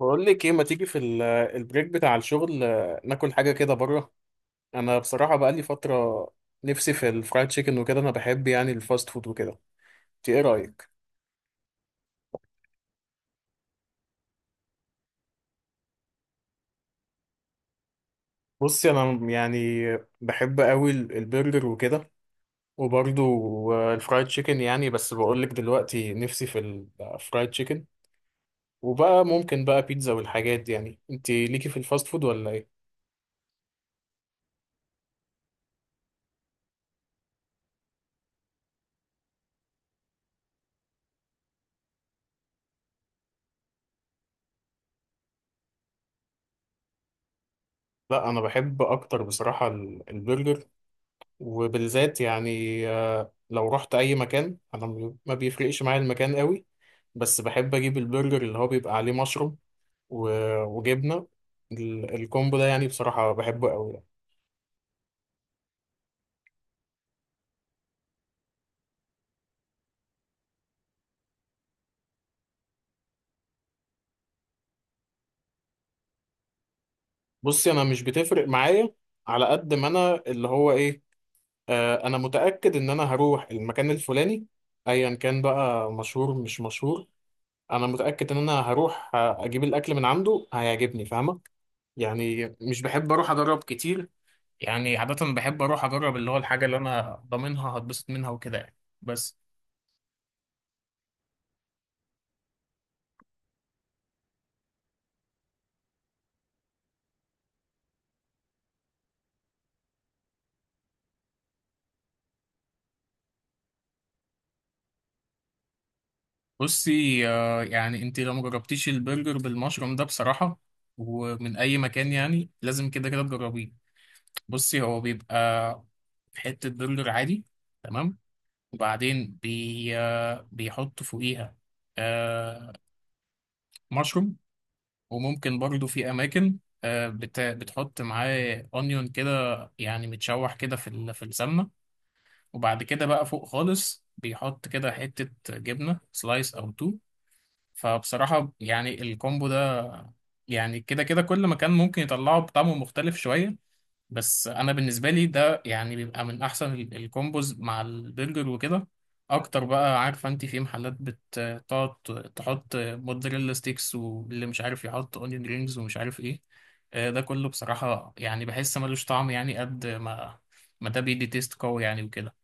بقول لك ايه، ما تيجي في البريك بتاع الشغل ناكل حاجه كده بره. انا بصراحه بقى لي فتره نفسي في الفرايد تشيكن وكده. انا بحب يعني الفاست فود وكده. انت ايه رايك؟ بصي انا يعني بحب قوي البرجر وكده. وبرضو الفرايد تشيكن يعني. بس بقول لك دلوقتي نفسي في الفرايد تشيكن. وبقى ممكن بقى بيتزا والحاجات دي يعني. انت ليكي في الفاست فود ولا ايه؟ لا، انا بحب اكتر بصراحه البرجر. وبالذات يعني لو رحت اي مكان انا ما بيفرقش معايا المكان قوي. بس بحب اجيب البرجر اللي هو بيبقى عليه مشروم وجبنه. الكومبو ده يعني بصراحه بحبه قوي يعني. بصي انا مش بتفرق معايا، على قد ما انا اللي هو ايه، انا متاكد ان انا هروح المكان الفلاني، ايا كان بقى مشهور مش مشهور. انا متاكد ان انا هروح اجيب الاكل من عنده هيعجبني، فاهمه؟ يعني مش بحب اروح اجرب كتير. يعني عادة بحب أروح أجرب اللي هو الحاجة اللي أنا ضامنها هتبسط منها وكده يعني. بس بصي، يعني أنت لو مجربتيش البرجر بالمشروم ده بصراحة، ومن أي مكان، يعني لازم كده كده تجربيه. بصي هو بيبقى حتة برجر عادي، تمام. وبعدين بي آه، بيحط فوقيها آه، مشروم. وممكن برضو في أماكن بتحط معاه أونيون كده، يعني متشوح كده في في السمنة. وبعد كده بقى فوق خالص بيحط كده حتة جبنة سلايس أو تو. فبصراحة يعني الكومبو ده يعني كده كده كل مكان ممكن يطلعه بطعمه مختلف شوية. بس أنا بالنسبة لي ده يعني بيبقى من أحسن الكومبوز مع البرجر وكده أكتر بقى. عارفة أنت في محلات بتقعد تحط موتزاريلا ستيكس، واللي مش عارف يحط أونيون رينجز ومش عارف إيه. ده كله بصراحة يعني بحس ملوش طعم، يعني قد ما ما ده بيدي تيست قوي يعني وكده.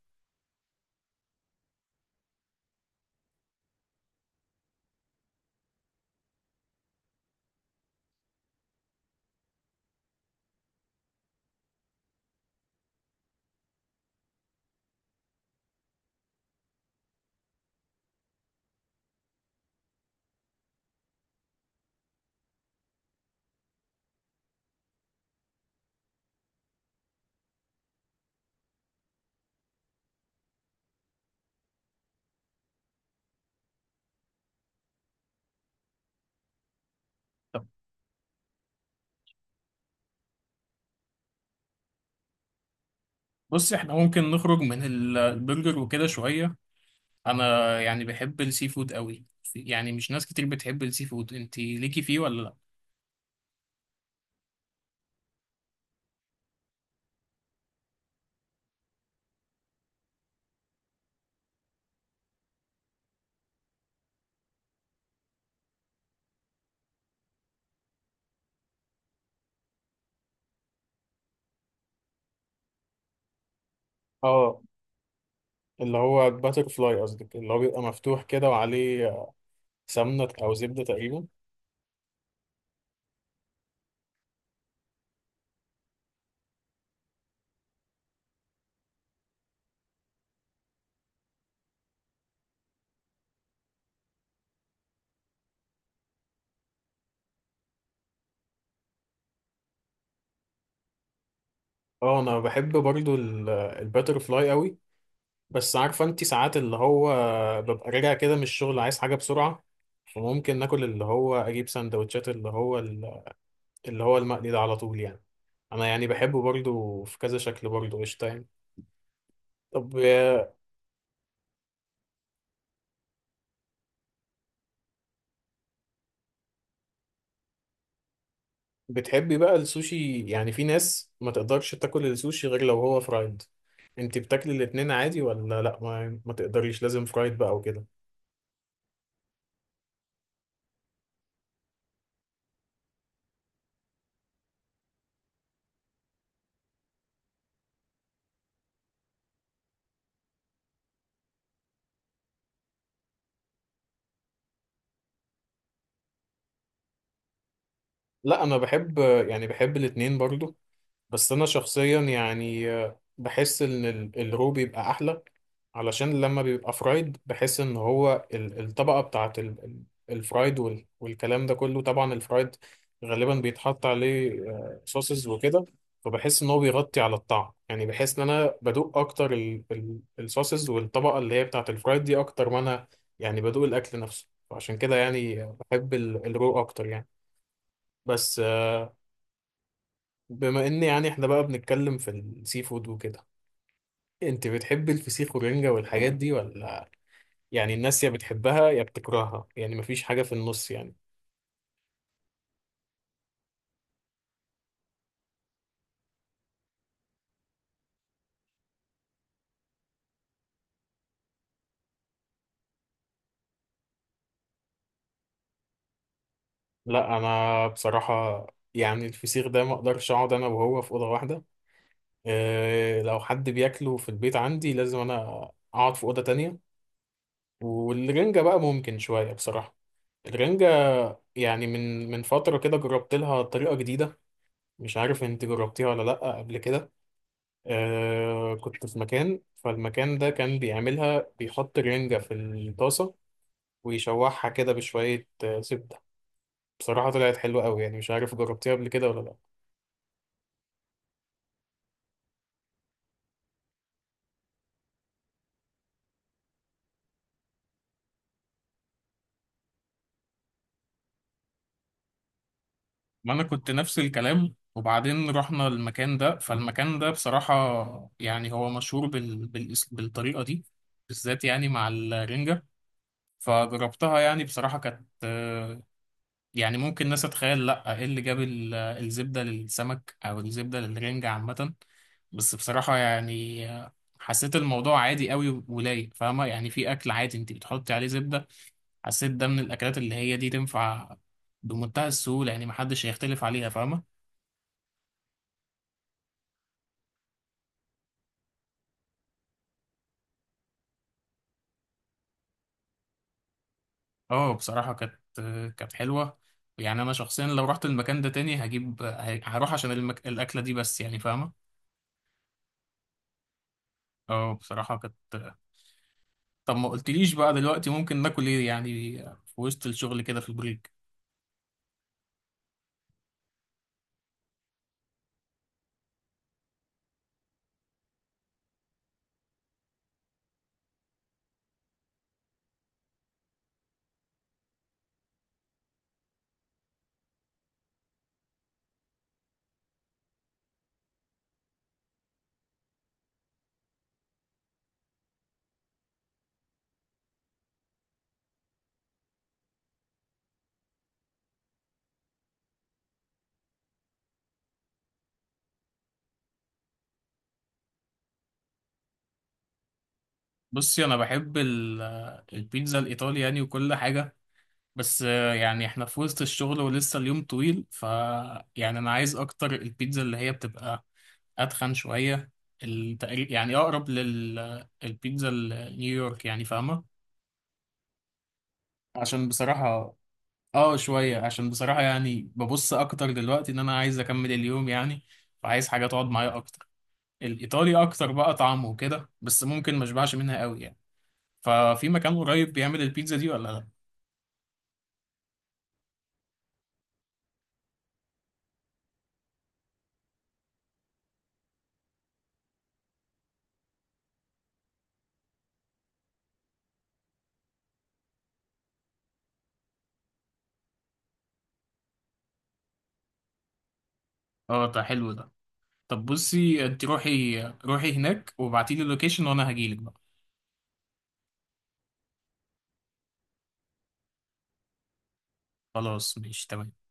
بص احنا ممكن نخرج من البرجر وكده شوية. انا يعني بحب السي فود قوي. يعني مش ناس كتير بتحب السي فود. انت ليكي فيه ولا لا؟ اه، اللي هو باتر فلاي قصدك، اللي هو بيبقى مفتوح كده وعليه سمنة أو زبدة تقريبا. اه، أنا بحب برضو الباتر فلاي قوي. بس عارفة انتي ساعات اللي هو ببقى راجع كده من الشغل عايز حاجة بسرعة. فممكن ناكل اللي هو أجيب سندوتشات اللي هو المقلي ده على طول يعني. أنا يعني بحبه برضو في كذا شكل برضو قشطة يعني. طب بتحبي بقى السوشي؟ يعني في ناس ما تقدرش تاكل السوشي غير لو هو فرايد. انت بتاكلي الاتنين عادي ولا لا؟ ما تقدريش لازم فرايد بقى وكده؟ لا، انا بحب يعني بحب الاتنين برضو. بس انا شخصيا يعني بحس ان الرو بيبقى احلى. علشان لما بيبقى فرايد بحس ان هو الطبقه بتاعت الفرايد والكلام ده كله. طبعا الفرايد غالبا بيتحط عليه صوصز وكده. فبحس ان هو بيغطي على الطعم. يعني بحس ان انا بدوق اكتر الصوصز والطبقه اللي هي بتاعت الفرايد دي اكتر ما انا يعني بدوق الاكل نفسه. فعشان كده يعني بحب الرو اكتر يعني. بس بما ان يعني احنا بقى بنتكلم في السي فود وكده، انت بتحب الفسيخ والرنجة والحاجات دي ولا؟ يعني الناس يا بتحبها يا بتكرهها، يعني مفيش حاجة في النص يعني. لا، انا بصراحة يعني الفسيخ ده ما اقدرش اقعد انا وهو في أوضة واحدة. اه لو حد بياكله في البيت عندي لازم انا اقعد في أوضة تانية. والرنجة بقى ممكن شوية بصراحة. الرنجة يعني من فترة كده جربت لها طريقة جديدة. مش عارف انت جربتيها ولا لا قبل كده. آه كنت في مكان، فالمكان ده كان بيعملها بيحط رنجة في الطاسة ويشوحها كده بشوية زبدة. بصراحة طلعت حلوة قوي. يعني مش عارف جربتيها قبل كده ولا لا. ما انا كنت نفس الكلام، وبعدين رحنا المكان ده، فالمكان ده بصراحة يعني هو مشهور بالطريقة دي بالذات يعني مع الرنجة. فجربتها، يعني بصراحة كانت يعني ممكن الناس تتخيل، لا ايه اللي جاب الزبدة للسمك او الزبدة للرنجة عامة. بس بصراحة يعني حسيت الموضوع عادي قوي ولايق، فاهمة؟ يعني في اكل عادي انت بتحطي عليه زبدة. حسيت ده من الاكلات اللي هي دي تنفع بمنتهى السهوله، يعني محدش هيختلف عليها، فاهمه؟ اه بصراحه كانت حلوه. يعني انا شخصيا لو رحت المكان ده تاني هجيب، هروح عشان الاكله دي بس يعني فاهمه. اه بصراحه كانت. طب ما قلتليش بقى دلوقتي ممكن ناكل ايه يعني في وسط الشغل كده في البريك؟ بصي انا بحب البيتزا الايطالي يعني وكل حاجه. بس يعني احنا في وسط الشغل ولسه اليوم طويل. ف يعني انا عايز اكتر البيتزا اللي هي بتبقى اتخن شويه. التقريب يعني اقرب للبيتزا النيويورك يعني، فاهمه؟ عشان بصراحه اه شويه، عشان بصراحه يعني ببص اكتر دلوقتي ان انا عايز اكمل اليوم يعني. فعايز حاجه تقعد معايا اكتر. الايطالي اكتر بقى طعمه وكده، بس ممكن ما اشبعش منها قوي يعني. ففي مكان قريب بيعمل البيتزا دي ولا لا؟ اه ده حلو ده. طب بصي انت روحي روحي هناك وابعتيلي اللوكيشن وانا هجيلك بقى. خلاص ماشي تمام.